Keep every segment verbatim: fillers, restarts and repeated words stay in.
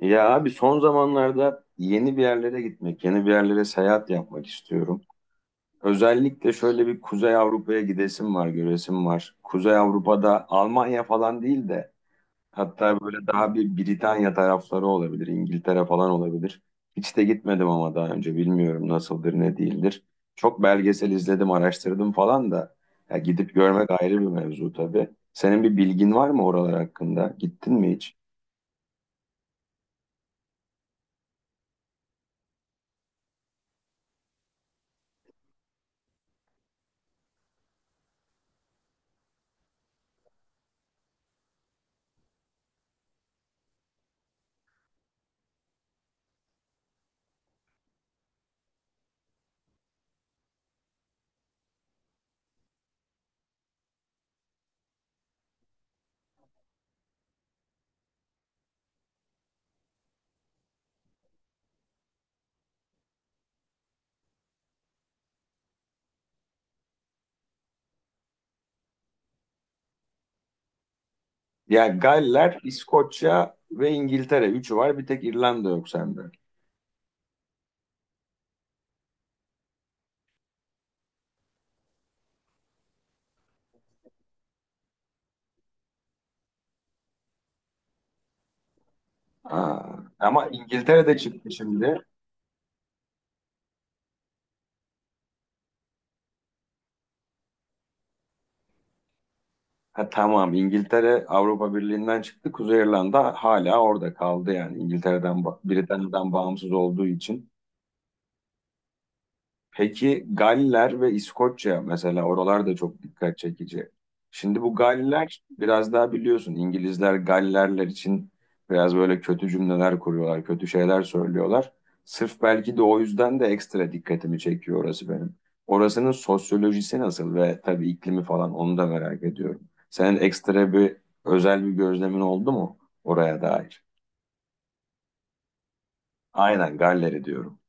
Ya abi son zamanlarda yeni bir yerlere gitmek, yeni bir yerlere seyahat yapmak istiyorum. Özellikle şöyle bir Kuzey Avrupa'ya gidesim var, göresim var. Kuzey Avrupa'da Almanya falan değil de hatta böyle daha bir Britanya tarafları olabilir, İngiltere falan olabilir. Hiç de gitmedim ama daha önce bilmiyorum nasıldır, ne değildir. Çok belgesel izledim, araştırdım falan da ya gidip görmek ayrı bir mevzu tabii. Senin bir bilgin var mı oralar hakkında? Gittin mi hiç? Ya Galler, İskoçya ve İngiltere. Üçü var. Bir tek İrlanda yok sende. Aa, ama İngiltere de çıktı şimdi. Ha, tamam İngiltere Avrupa Birliği'nden çıktı. Kuzey İrlanda hala orada kaldı yani. İngiltere'den, ba- Britanya'dan bağımsız olduğu için. Peki Galler ve İskoçya mesela oralar da çok dikkat çekici. Şimdi bu Galler biraz daha biliyorsun İngilizler Gallerler için biraz böyle kötü cümleler kuruyorlar, kötü şeyler söylüyorlar. Sırf belki de o yüzden de ekstra dikkatimi çekiyor orası benim. Orasının sosyolojisi nasıl ve tabii iklimi falan onu da merak ediyorum. Senin ekstra bir özel bir gözlemin oldu mu oraya dair? Aynen Galler'i diyorum.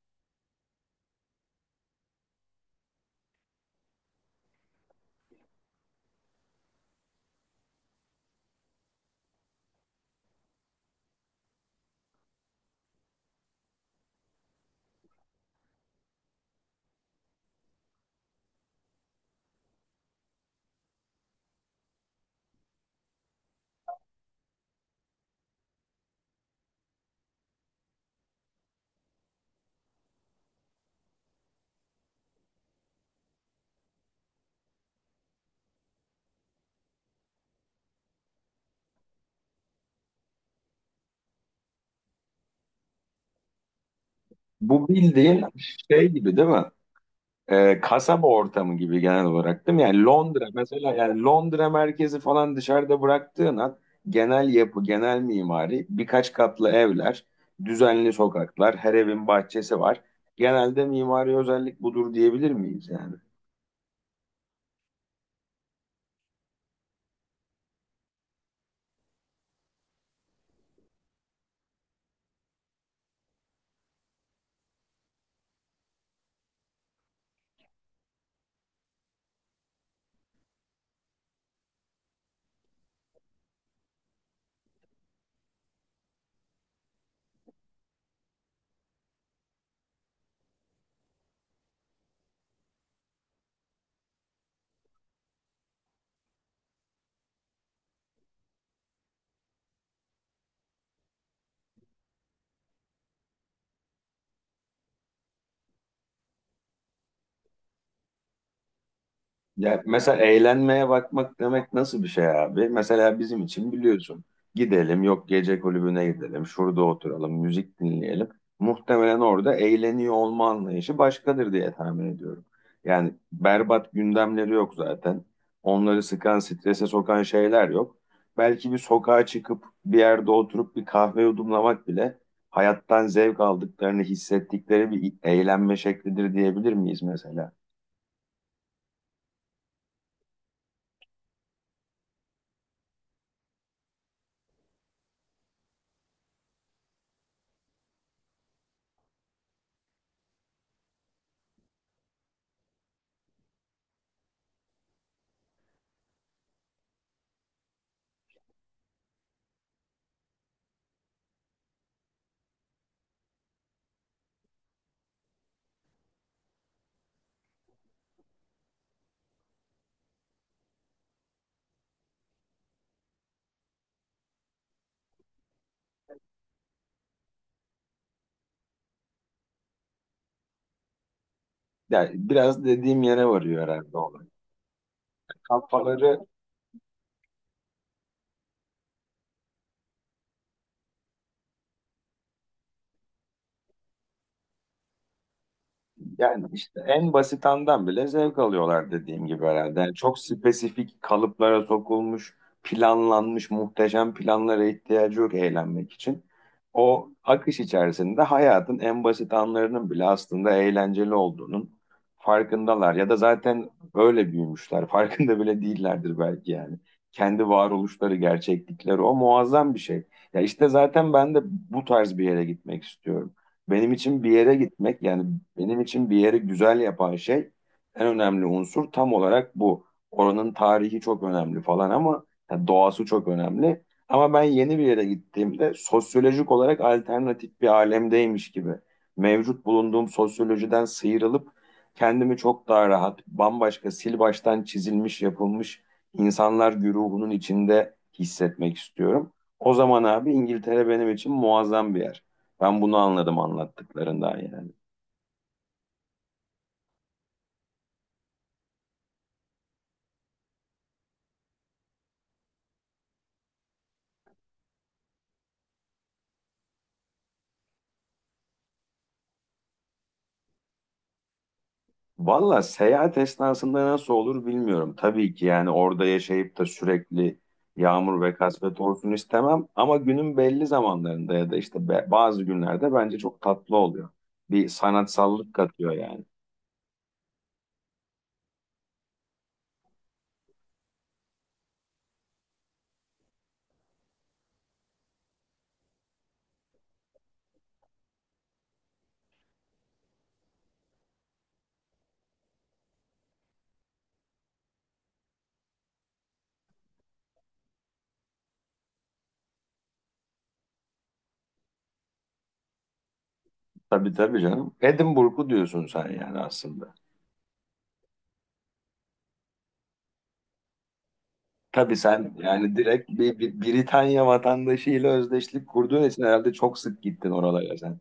Bu bildiğin şey gibi değil mi? E, kasaba ortamı gibi genel olarak değil mi? Yani Londra mesela yani Londra merkezi falan dışarıda bıraktığın an genel yapı, genel mimari, birkaç katlı evler, düzenli sokaklar, her evin bahçesi var. Genelde mimari özellik budur diyebilir miyiz yani? Ya mesela eğlenmeye bakmak demek nasıl bir şey abi? Mesela bizim için biliyorsun. Gidelim yok gece kulübüne gidelim. Şurada oturalım, müzik dinleyelim. Muhtemelen orada eğleniyor olma anlayışı başkadır diye tahmin ediyorum. Yani berbat gündemleri yok zaten. Onları sıkan, strese sokan şeyler yok. Belki bir sokağa çıkıp bir yerde oturup bir kahve yudumlamak bile hayattan zevk aldıklarını hissettikleri bir eğlenme şeklidir diyebilir miyiz mesela? Yani biraz dediğim yere varıyor herhalde olay. Kafaları. Yani işte en basitandan bile zevk alıyorlar dediğim gibi herhalde. Yani çok spesifik kalıplara sokulmuş, planlanmış muhteşem planlara ihtiyacı yok eğlenmek için. O akış içerisinde hayatın en basit anlarının bile aslında eğlenceli olduğunun farkındalar. Ya da zaten öyle büyümüşler. Farkında bile değillerdir belki yani. Kendi varoluşları, gerçeklikleri o muazzam bir şey. Ya işte zaten ben de bu tarz bir yere gitmek istiyorum. Benim için bir yere gitmek yani benim için bir yeri güzel yapan şey en önemli unsur tam olarak bu. Oranın tarihi çok önemli falan ama yani doğası çok önemli. Ama ben yeni bir yere gittiğimde sosyolojik olarak alternatif bir alemdeymiş gibi mevcut bulunduğum sosyolojiden sıyrılıp kendimi çok daha rahat, bambaşka sil baştan çizilmiş yapılmış insanlar güruhunun içinde hissetmek istiyorum. O zaman abi İngiltere benim için muazzam bir yer. Ben bunu anladım anlattıklarından yani. Valla seyahat esnasında nasıl olur bilmiyorum. Tabii ki yani orada yaşayıp da sürekli yağmur ve kasvet olsun istemem. Ama günün belli zamanlarında ya da işte be- bazı günlerde bence çok tatlı oluyor. Bir sanatsallık katıyor yani. Tabii tabii canım. Edinburgh'u diyorsun sen yani aslında. Tabii sen yani direkt bir, bir Britanya vatandaşıyla özdeşlik kurduğun için herhalde çok sık gittin oralara sen.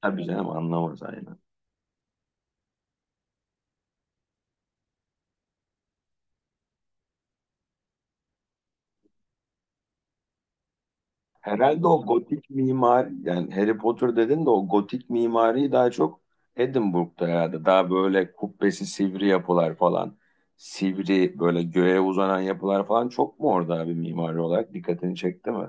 Tabii canım anlamaz aynen. Herhalde o gotik mimar yani Harry Potter dedin de o gotik mimariyi daha çok Edinburgh'da herhalde. Daha böyle kubbesi sivri yapılar falan. Sivri böyle göğe uzanan yapılar falan çok mu orada abi mimari olarak dikkatini çekti mi?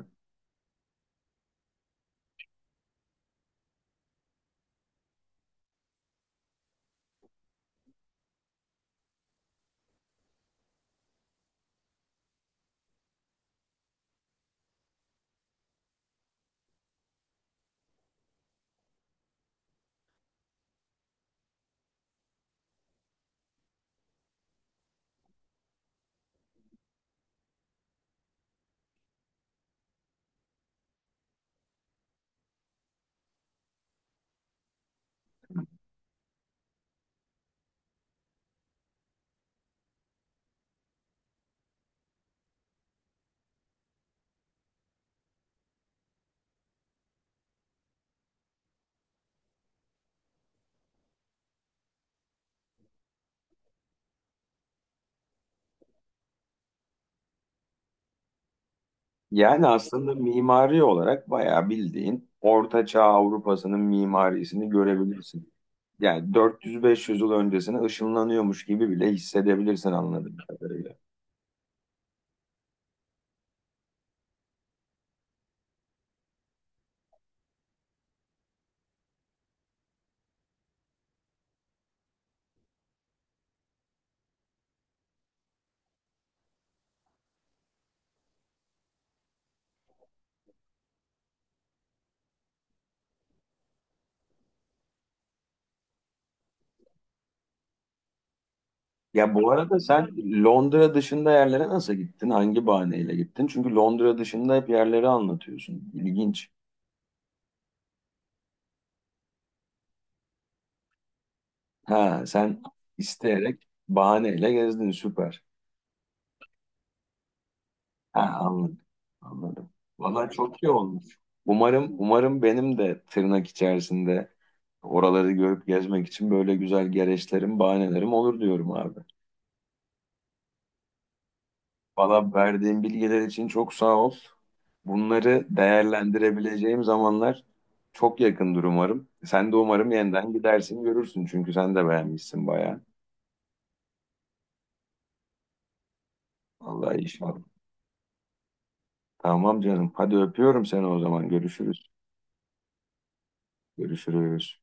Yani aslında mimari olarak bayağı bildiğin Orta Çağ Avrupa'sının mimarisini görebilirsin. Yani dört yüz beş yüz yıl öncesine ışınlanıyormuş gibi bile hissedebilirsin anladığım kadarıyla. Ya bu arada sen Londra dışında yerlere nasıl gittin? Hangi bahaneyle gittin? Çünkü Londra dışında hep yerleri anlatıyorsun. İlginç. Ha sen isteyerek bahaneyle gezdin. Süper. Ha, anladım. Anladım. Valla çok iyi olmuş. Umarım umarım benim de tırnak içerisinde oraları görüp gezmek için böyle güzel gereçlerim, bahanelerim olur diyorum abi. Valla verdiğin bilgiler için çok sağ ol. Bunları değerlendirebileceğim zamanlar çok yakındır umarım. Sen de umarım yeniden gidersin görürsün çünkü sen de beğenmişsin bayağı. Vallahi inşallah. Tamam canım. Hadi öpüyorum seni o zaman. Görüşürüz. Görüşürüz.